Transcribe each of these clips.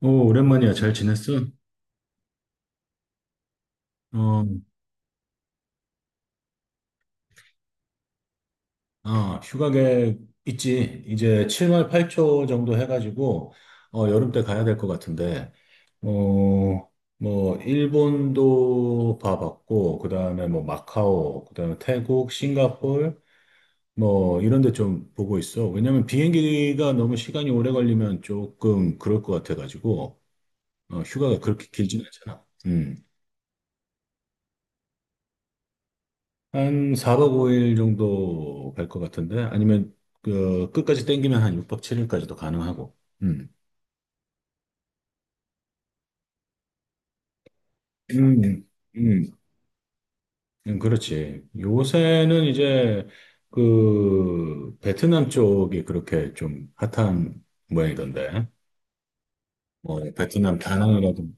오, 오랜만이야. 잘 지냈어? 어, 휴가 계획 있지. 이제 7월 8초 정도 해가지고, 여름 때 가야 될 것 같은데, 어, 뭐, 일본도 봐봤고, 그 다음에 뭐, 마카오, 그 다음에 태국, 싱가폴, 뭐, 이런 데 좀 보고 있어. 왜냐면 비행기가 너무 시간이 오래 걸리면 조금 그럴 것 같아가지고, 휴가가 그렇게 길진 않잖아. 음. 한 4박 5일 정도 갈 것 같은데 아니면 그 끝까지 땡기면 한 6박 7일까지도 가능하고. 음. 음. 음. 그렇지. 요새는 이제 그 베트남 쪽이 그렇게 좀 핫한 모양이던데. 뭐 베트남 다낭이라든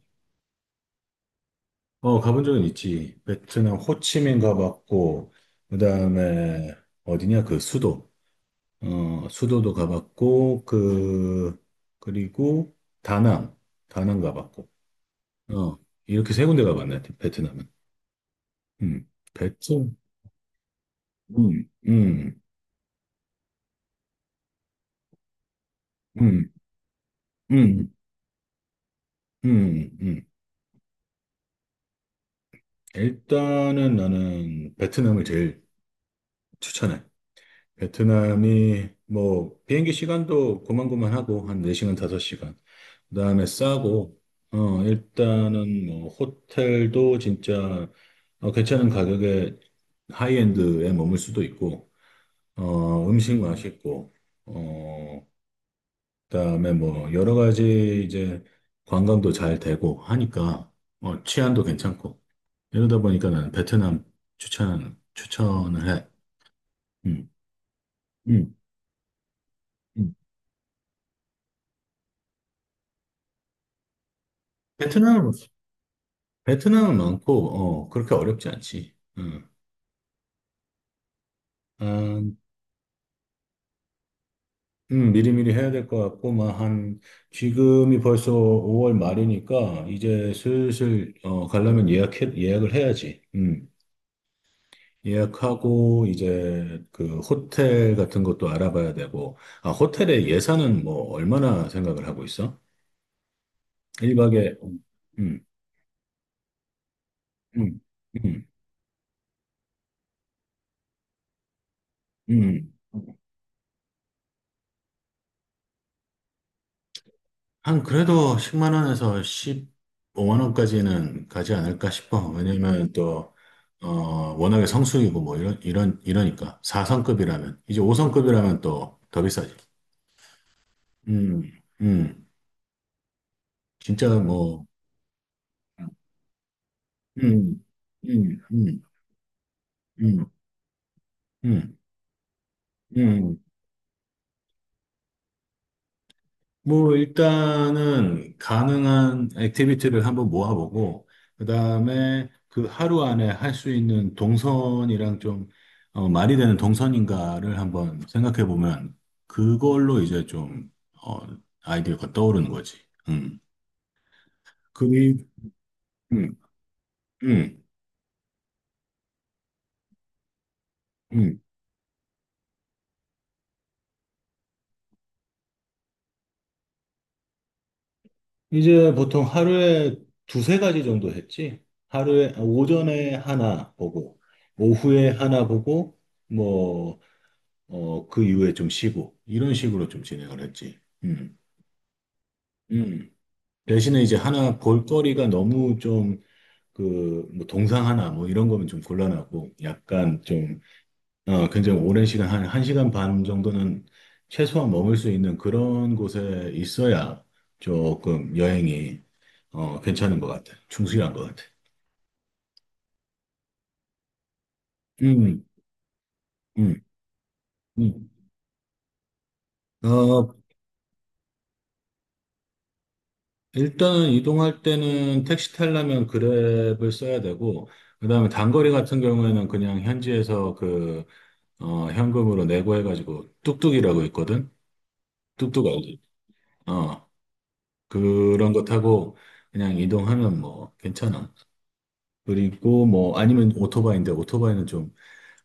가본 적은 있지. 베트남 호치민 가봤고 그다음에 어디냐 그 수도 수도도 가봤고, 그, 그리고 다낭, 가봤고, 어, 이렇게 세 군데 가봤네, 베트남은. 베트남, 음, 음, 음, 음, 음, 음. 일단은 나는 베트남을 제일 추천해. 베트남이 뭐 비행기 시간도 고만고만하고 한 4시간, 5시간. 그다음에 싸고 일단은 뭐 호텔도 진짜 괜찮은 가격에 하이엔드에 머물 수도 있고 음식 맛있고 어 그다음에 뭐 여러 가지 이제 관광도 잘 되고 하니까 치안도 괜찮고 이러다 보니까 나는 베트남 추천을 해. 음. 음. 음. 베트남 베트남은 많고, 그렇게 어렵지 않지. 음, 미리미리 해야 될 것 같고, 막 한, 지금이 벌써 5월 말이니까, 이제 슬슬, 가려면 예약을 해야지. 예약하고, 이제 그 호텔 같은 것도 알아봐야 되고, 호텔의 예산은 뭐, 얼마나 생각을 하고 있어? 1박에, 음, 음, 음. 한 그래도 10만 원에서 15만 원까지는 가지 않을까 싶어. 왜냐면 또, 어, 워낙에 성수기고 뭐 이러니까. 4성급이라면. 이제 5성급이라면 또 더 비싸지. 음, 음. 진짜 뭐, 음, 음, 음, 음, 음, 음. 음. 뭐, 일단은 가능한 액티비티를 한번 모아보고, 그 다음에 그 하루 안에 할 수 있는 동선이랑 좀, 말이 되는 동선인가를 한번 생각해 보면, 그걸로 이제 좀, 어, 아이디어가 떠오르는 거지. 음. 그리, 음, 음, 음. 이제 보통 하루에 두세 가지 정도 했지? 하루에, 오전에 하나 보고, 오후에 하나 보고, 뭐, 그 이후에 좀 쉬고, 이런 식으로 좀 진행을 했지. 음, 음. 대신에 이제 하나 볼거리가 너무 좀, 그, 뭐, 동상 하나, 뭐, 이런 거면 좀 곤란하고, 약간 좀, 굉장히 오랜 시간, 한, 한 시간 반 정도는 최소한 머물 수 있는 그런 곳에 있어야 조금 여행이, 괜찮은 것 같아. 충실한 것 같아. 음, 음, 음. 어, 일단은 이동할 때는 택시 타려면 그랩을 써야 되고, 그 다음에 단거리 같은 경우에는 그냥 현지에서 그, 현금으로 내고 해가지고 뚝뚝이라고 있거든? 뚝뚝 알지? 어, 그런 거 타고 그냥 이동하면 뭐 괜찮아. 그리고 뭐 아니면 오토바이인데 오토바이는 좀,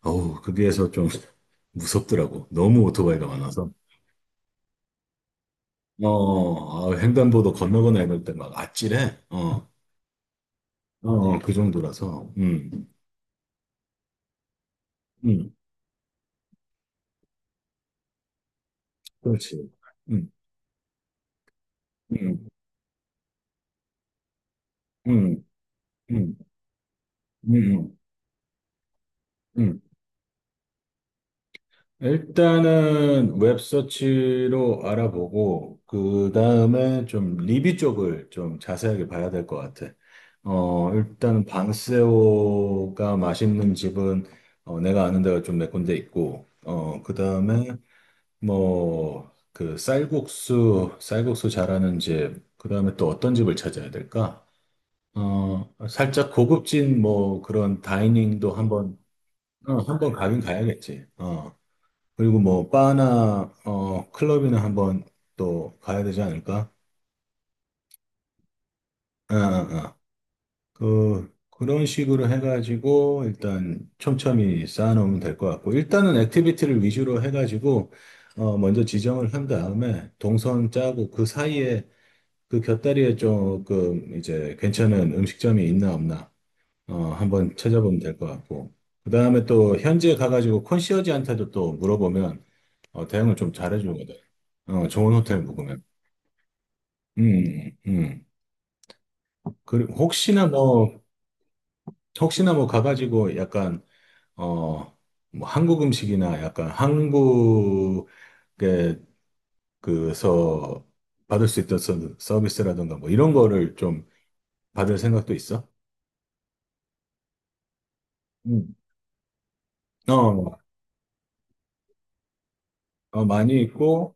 어우, 거기에서 좀 무섭더라고. 너무 오토바이가 많아서. 횡단보도 건너거나 이럴 때 막 아찔해. 그 정도라서. 음. 음. 그렇지. 음, 음, 음, 음, 음, 음. 일단은 웹서치로 알아보고, 그 다음에 좀 리뷰 쪽을 좀 자세하게 봐야 될 것 같아. 일단 방새우가 맛있는 집은 내가 아는 데가 좀 몇 군데 있고, 그 다음에 뭐, 그 쌀국수 잘하는 집, 그 다음에 또 어떤 집을 찾아야 될까? 살짝 고급진 뭐 그런 다이닝도 한번, 한번 가긴 가야겠지. 어. 그리고 뭐 바나, 클럽이나 한번 또 가야 되지 않을까? 어, 어, 어. 그런 식으로 해가지고 일단 촘촘히 쌓아놓으면 될 것 같고, 일단은 액티비티를 위주로 해가지고, 먼저 지정을 한 다음에 동선 짜고 그 사이에 그 곁다리에 조금 이제 괜찮은 음식점이 있나 없나 한번 찾아보면 될 것 같고. 그 다음에 또 현지에 가가지고 컨시어지한테도 또 물어보면 대응을 좀 잘해주거든. 좋은 호텔 묵으면. 음, 음. 그리고 혹시나 뭐 가가지고 약간, 어, 뭐 한국 음식이나 약간 한국에 그서 받을 수 있던 서비스라든가 뭐 이런 거를 좀 받을 생각도 있어? 음. 어, 많이 있고,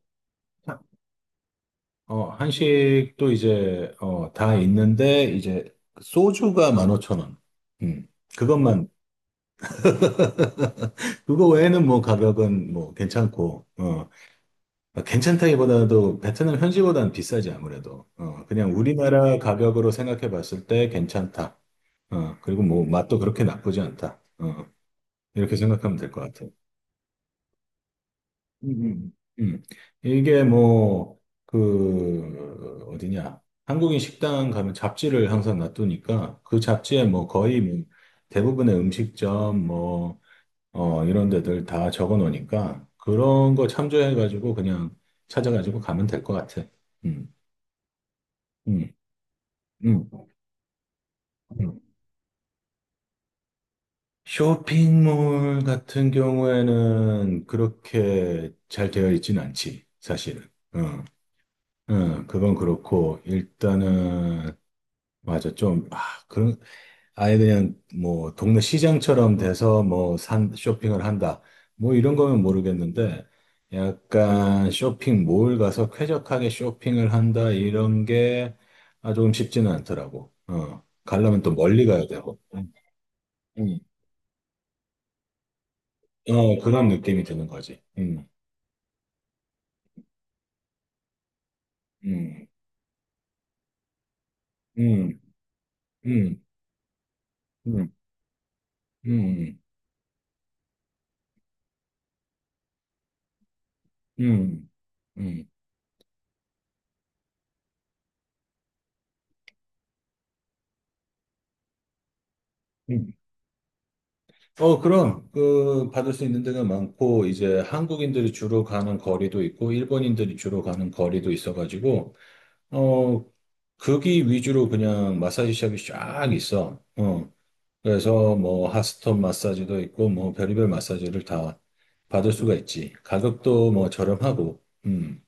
한식도 이제, 다 있는데, 이제, 소주가 15,000원. 음, 그것만, 그거 외에는 뭐 가격은 뭐 괜찮고, 괜찮다기보다도 베트남 현지보다는 비싸지, 아무래도. 그냥 우리나라 가격으로 생각해 봤을 때 괜찮다. 그리고 뭐 맛도 그렇게 나쁘지 않다. 이렇게 생각하면 될 것 같아요. 음, 음. 음. 이게 뭐, 그, 어디냐. 한국인 식당 가면 잡지를 항상 놔두니까 그 잡지에 뭐 거의 뭐 대부분의 음식점 뭐, 이런 데들 다 적어 놓으니까 그런 거 참조해가지고 그냥 찾아가지고 가면 될 것 같아. 음, 음, 음, 음. 쇼핑몰 같은 경우에는 그렇게 잘 되어 있진 않지, 사실은. 어, 그건 그렇고, 일단은 맞아. 좀, 그런, 아예 그냥 뭐 동네 시장처럼 돼서 뭐 쇼핑을 한다. 뭐 이런 거면 모르겠는데, 약간 쇼핑몰 가서 쾌적하게 쇼핑을 한다. 이런 게 조금 쉽지는 않더라고. 어. 가려면 또 멀리 가야 되고. 음. 음. 그런 느낌이 드는 거지. 음. 음. 음. 음. 음. 음. 음. 음. 음. 그럼, 그, 받을 수 있는 데가 많고, 이제 한국인들이 주로 가는 거리도 있고, 일본인들이 주로 가는 거리도 있어가지고, 어, 거기 위주로 그냥 마사지 샵이 쫙 있어. 그래서 뭐, 핫스톤 마사지도 있고, 뭐, 별의별 마사지를 다 받을 수가 있지. 가격도 뭐, 저렴하고,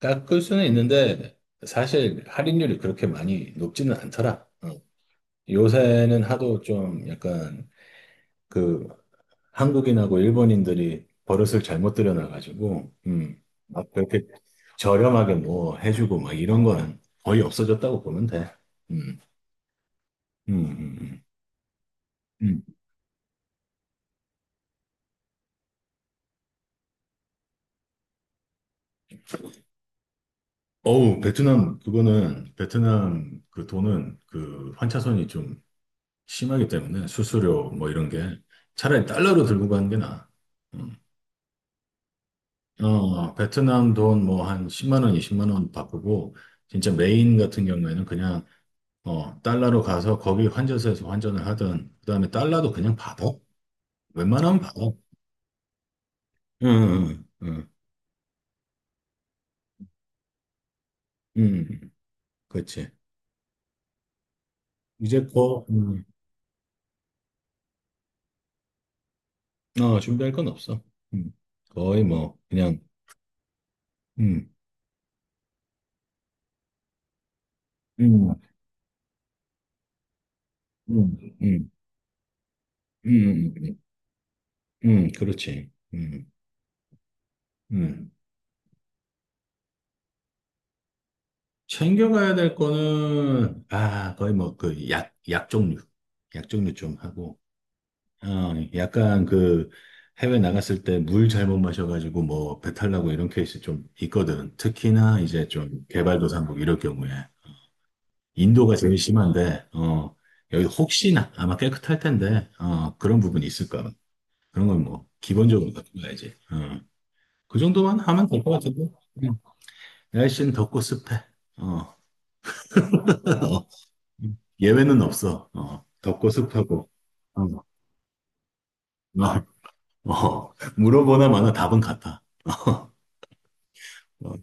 깎을 수는 있는데, 사실 할인율이 그렇게 많이 높지는 않더라. 어. 요새는 하도 좀 약간, 그 한국인하고 일본인들이 버릇을 잘못 들여놔가지고, 막 그렇게 저렴하게 뭐 해주고 막 이런 거는 거의 없어졌다고 보면 돼. 음, 음, 음, 음. 음. 어우, 베트남, 그거는, 베트남 그 돈은 그 환차손이 좀 심하기 때문에 수수료 뭐 이런 게 차라리 달러로 들고 가는 게 나아. 음. 베트남 돈 뭐 한 10만 원, 20만 원 바꾸고, 진짜 메인 같은 경우에는 그냥 달러로 가서 거기 환전소에서 환전을 하든, 그 다음에 달러도 그냥 받아. 웬만하면 받아. 응, 응, 응, 응, 응. 그렇지. 이제 거, 준비할 건 없어. 음, 거의 뭐, 그냥, 음, 음, 음, 음, 음, 음, 음, 그렇지. 음. 챙겨가야 될 거는, 거의 뭐, 그, 약 종류. 약 종류 좀 하고, 약간 그 해외 나갔을 때 물 잘못 마셔가지고 뭐 배탈 나고 이런 케이스 좀 있거든. 특히나 이제 좀 개발도상국 이럴 경우에. 인도가 제일 심한데, 여기 혹시나 아마 깨끗할 텐데, 그런 부분이 있을까. 그런 건 뭐 기본적으로 갖고 가야지. 그 정도만 하면 될 것 같은데. 응. 날씨는 덥고 습해. 어, 예외는 없어. 덥고 습하고. 어, 어, 물어보나 마나 답은 같아. 어,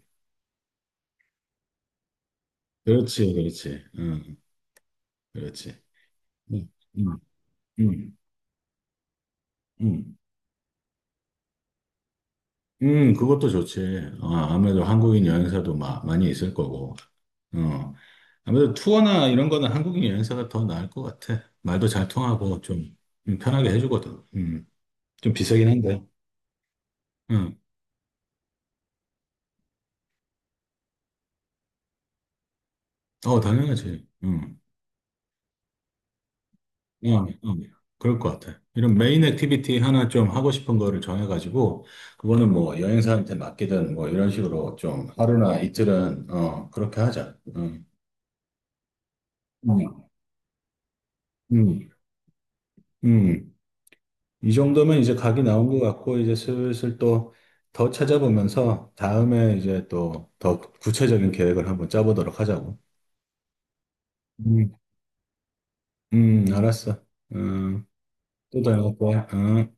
그렇지, 그렇지. 응, 그렇지. 응, 응, 응, 응. 그것도 좋지. 아무래도 한국인 여행사도 많이 있을 거고. 어, 아무래도 투어나 이런 거는 한국인 여행사가 더 나을 것 같아. 말도 잘 통하고 좀 편하게 해주거든. 좀 비싸긴 한데. 응. 당연하지. 응. 어, 어, 그럴 것 같아. 이런 메인 액티비티 하나 좀 하고 싶은 거를 정해가지고, 그거는 뭐 여행사한테 맡기든 뭐 이런 식으로 좀 하루나 이틀은, 그렇게 하자. 응, 음, 음. 음. 이 정도면 이제 각이 나온 것 같고, 이제 슬슬 또 더 찾아보면서 다음에 이제 또 더 구체적인 계획을 한번 짜보도록 하자고. 음, 알았어. 음, 또 전화 올 거야. 음.